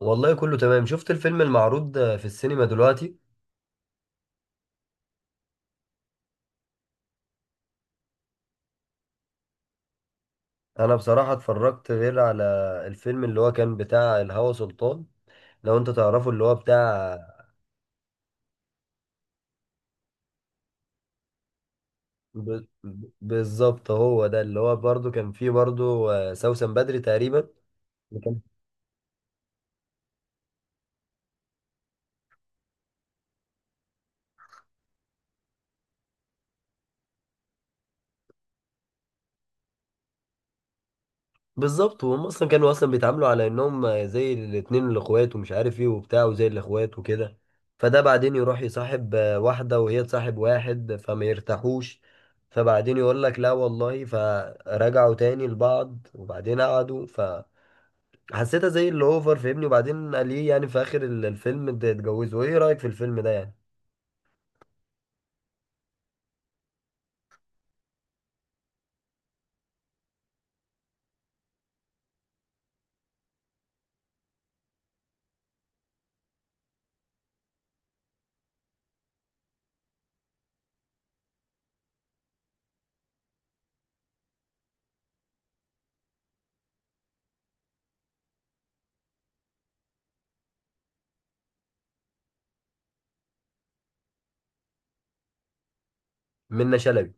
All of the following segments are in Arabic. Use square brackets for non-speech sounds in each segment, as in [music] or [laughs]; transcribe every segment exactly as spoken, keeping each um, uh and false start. والله كله تمام. شفت الفيلم المعروض في السينما دلوقتي. انا بصراحة اتفرجت غير على الفيلم اللي هو كان بتاع الهوى سلطان، لو انت تعرفه، اللي هو بتاع ب... ب- بالظبط هو ده. اللي هو برضو كان فيه برضو آه، سوسن بدري تقريبا. بالظبط، وهم اصلا كانوا اصلا بيتعاملوا على انهم زي الاتنين الاخوات ومش عارف ايه وبتاع وزي الاخوات وكده. فده بعدين يروح يصاحب آه، واحده، وهي تصاحب واحد، فما يرتاحوش. فبعدين يقول لك لا والله، فرجعوا تاني لبعض وبعدين قعدوا. فحسيتها زي اللي اوفر، فاهمني؟ وبعدين قال ايه، يعني في اخر ال- الفيلم ده اتجوزوا. ايه رايك في الفيلم ده يعني؟ منة شلبي.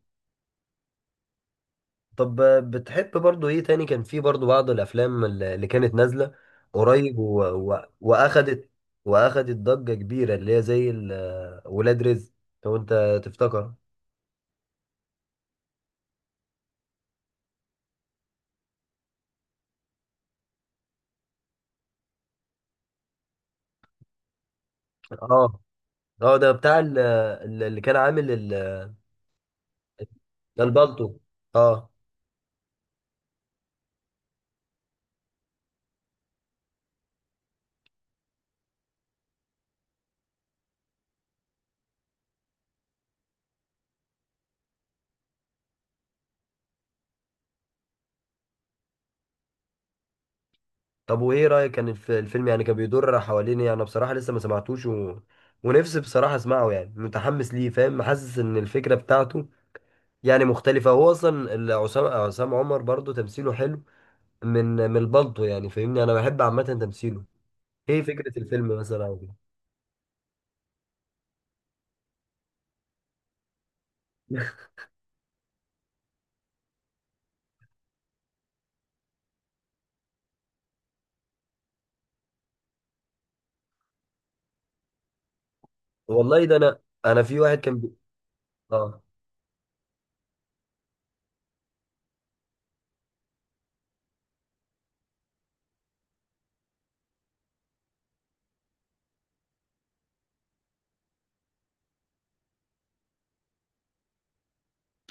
طب بتحب برضو ايه تاني؟ كان في برضو بعض الافلام اللي اللي كانت نازله قريب و... و... واخدت واخدت ضجه كبيره، اللي هي زي ال- ولاد رزق، لو انت تفتكر. اه، اه، ده بتاع ال- اللي كان عامل ال- البالطو. اه. طب وايه رايك كان الف- الفيلم يعني كان بيدور حوالين إيه؟ انا بصراحه لسه ما سمعتوش، و... ونفسي بصراحه اسمعه يعني، متحمس ليه، فاهم؟ حاسس ان الفكره بتاعته يعني مختلفه. هو اصلا ال- عصام عصام عمر برضو تمثيله حلو من من البلطو، يعني فاهمني، انا بحب عامه تمثيله. ايه فكره الفيلم مثلا أو كده؟ [laughs] والله ده انا، انا في واحد كان بي... اه.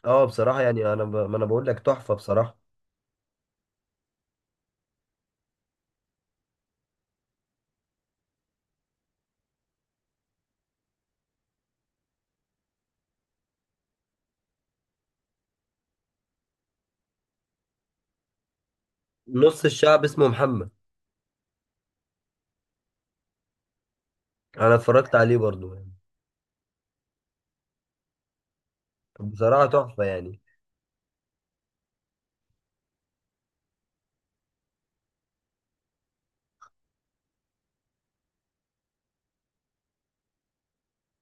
اه بصراحه يعني انا ب... ما انا بقول لك تحفه بصراحه. نص الشعب اسمه محمد. انا اتفرجت عليه برضو يعني. بصراحه تحفه يعني.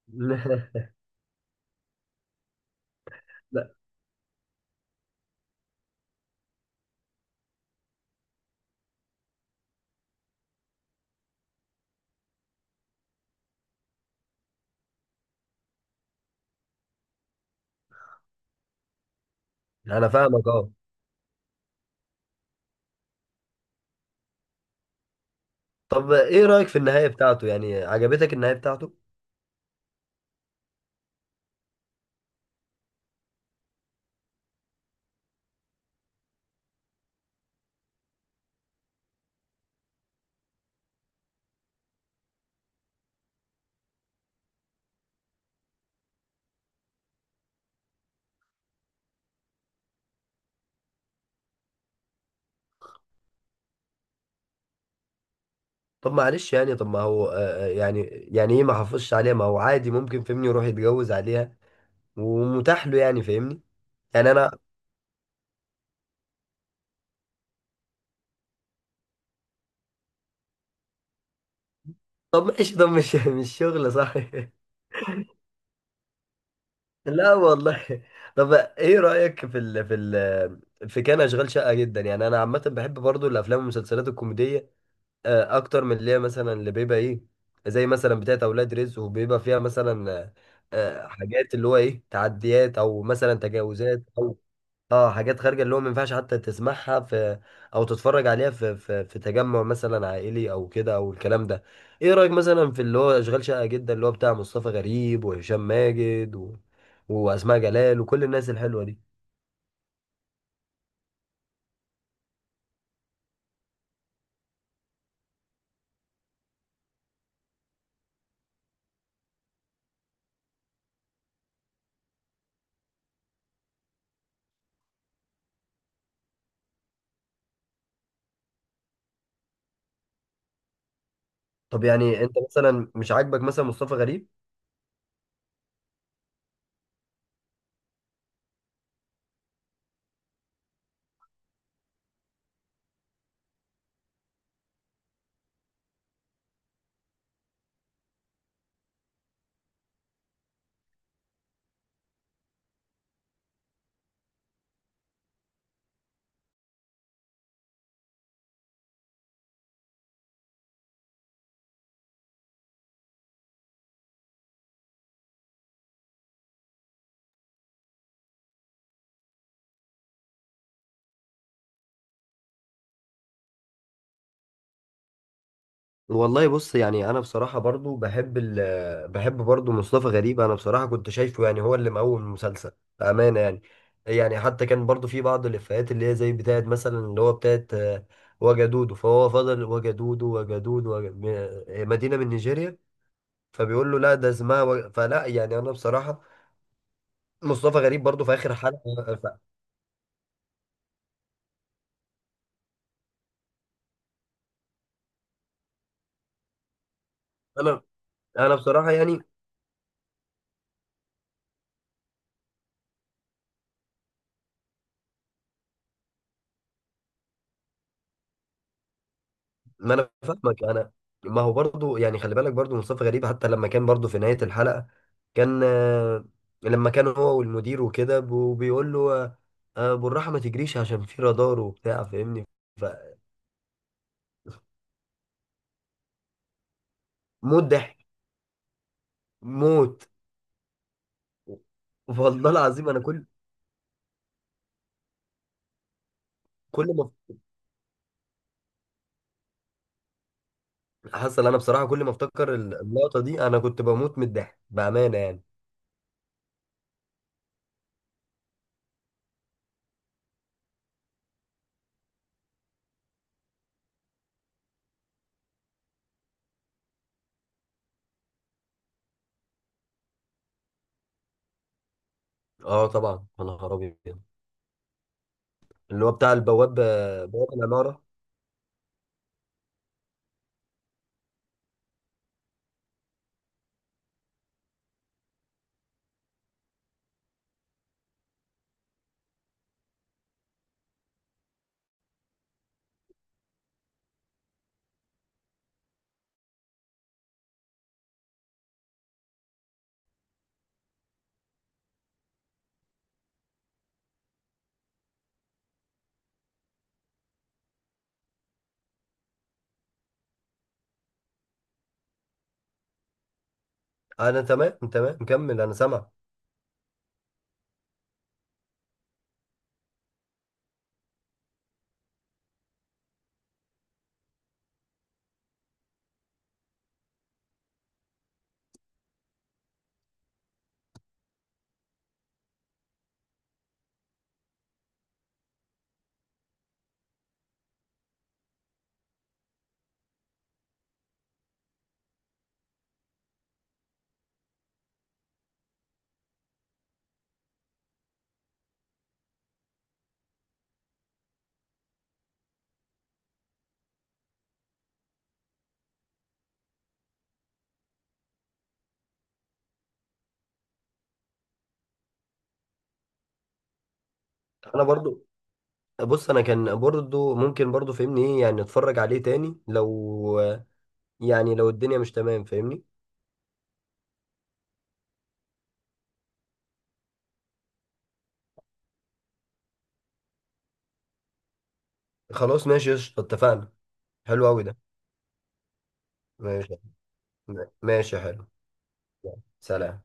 [laughs] لا. لا، انا فاهمك. اه. طب ايه رايك في النهايه بتاعته؟ يعني عجبتك النهايه بتاعته؟ طب معلش يعني، طب ما هو آه آه، يعني، يعني ايه ما حافظش عليها؟ ما هو عادي ممكن، فهمني، يروح يتجوز عليها ومتاح له يعني، فاهمني؟ يعني انا. طب ماشي، طب مش [laughs] مش شغل صح. لا والله. طب ايه رأيك في ال، في ال، في كان اشغال شقة جدا. يعني انا عامة بحب برضو الافلام والمسلسلات الكوميدية آه، اكتر من اللي هي مثلا اللي بيبقى ايه، زي مثلا بتاعت اولاد رزق، وبيبقى فيها مثلا آه، آه، حاجات اللي هو ايه تعديات او مثلا تجاوزات. اه، حاجات خارجه اللي هو ما ينفعش حتى تسمعها في او تتفرج عليها في في, في تجمع مثلا عائلي او كده او الكلام ده. ايه رايك مثلا في اللي هو اشغال شقه جدا اللي هو بتاع مصطفى غريب وهشام ماجد و... واسماء جلال وكل الناس الحلوه دي؟ طب يعني انت مثلا مش عاجبك مثلا مصطفى غريب؟ والله بص، يعني انا بصراحه برضو بحب ال، بحب برضو مصطفى غريب. انا بصراحه كنت شايفه يعني هو اللي مقوم المسلسل بامانه يعني. يعني حتى كان برضو في بعض الافيهات اللي هي زي بتاعت مثلا اللي هو بتاعت آه، وجدودو، فهو فضل وجدودو، وجدودو، وج- م- مدينه من نيجيريا، فبيقول له لا، ده اسمها وج... فلا. يعني انا بصراحه مصطفى غريب برضو في اخر حلقه. ف- انا انا بصراحه يعني، ما انا فاهمك انا. ما هو برضو يعني خلي بالك برضو مصطفى غريب حتى لما كان برضو في نهاية الحلقة، كان آه، لما كان هو والمدير وكده ب- بيقول له آه، آه، بالراحة، ما تجريش عشان في رادار وبتاع، فاهمني؟ فموت ضحك. موت. والله العظيم انا كل، كل ما حصل، انا بصراحة كل ما افتكر اللقطة دي انا كنت بموت من الضحك بأمانة يعني. اه طبعا، انا خرابي. اللي هو بتاع البواب، آه، بواب العمارة. انا تمام، تمام، مكمل، انا سامع. انا برضو. بص، انا كان برضو ممكن برضو فاهمني ايه يعني اتفرج عليه تاني لو، يعني لو الدنيا مش تمام، فاهمني؟ خلاص ماشي، قشطة، اتفقنا. حلو قوي ده. ماشي. ماشي حلو. سلام.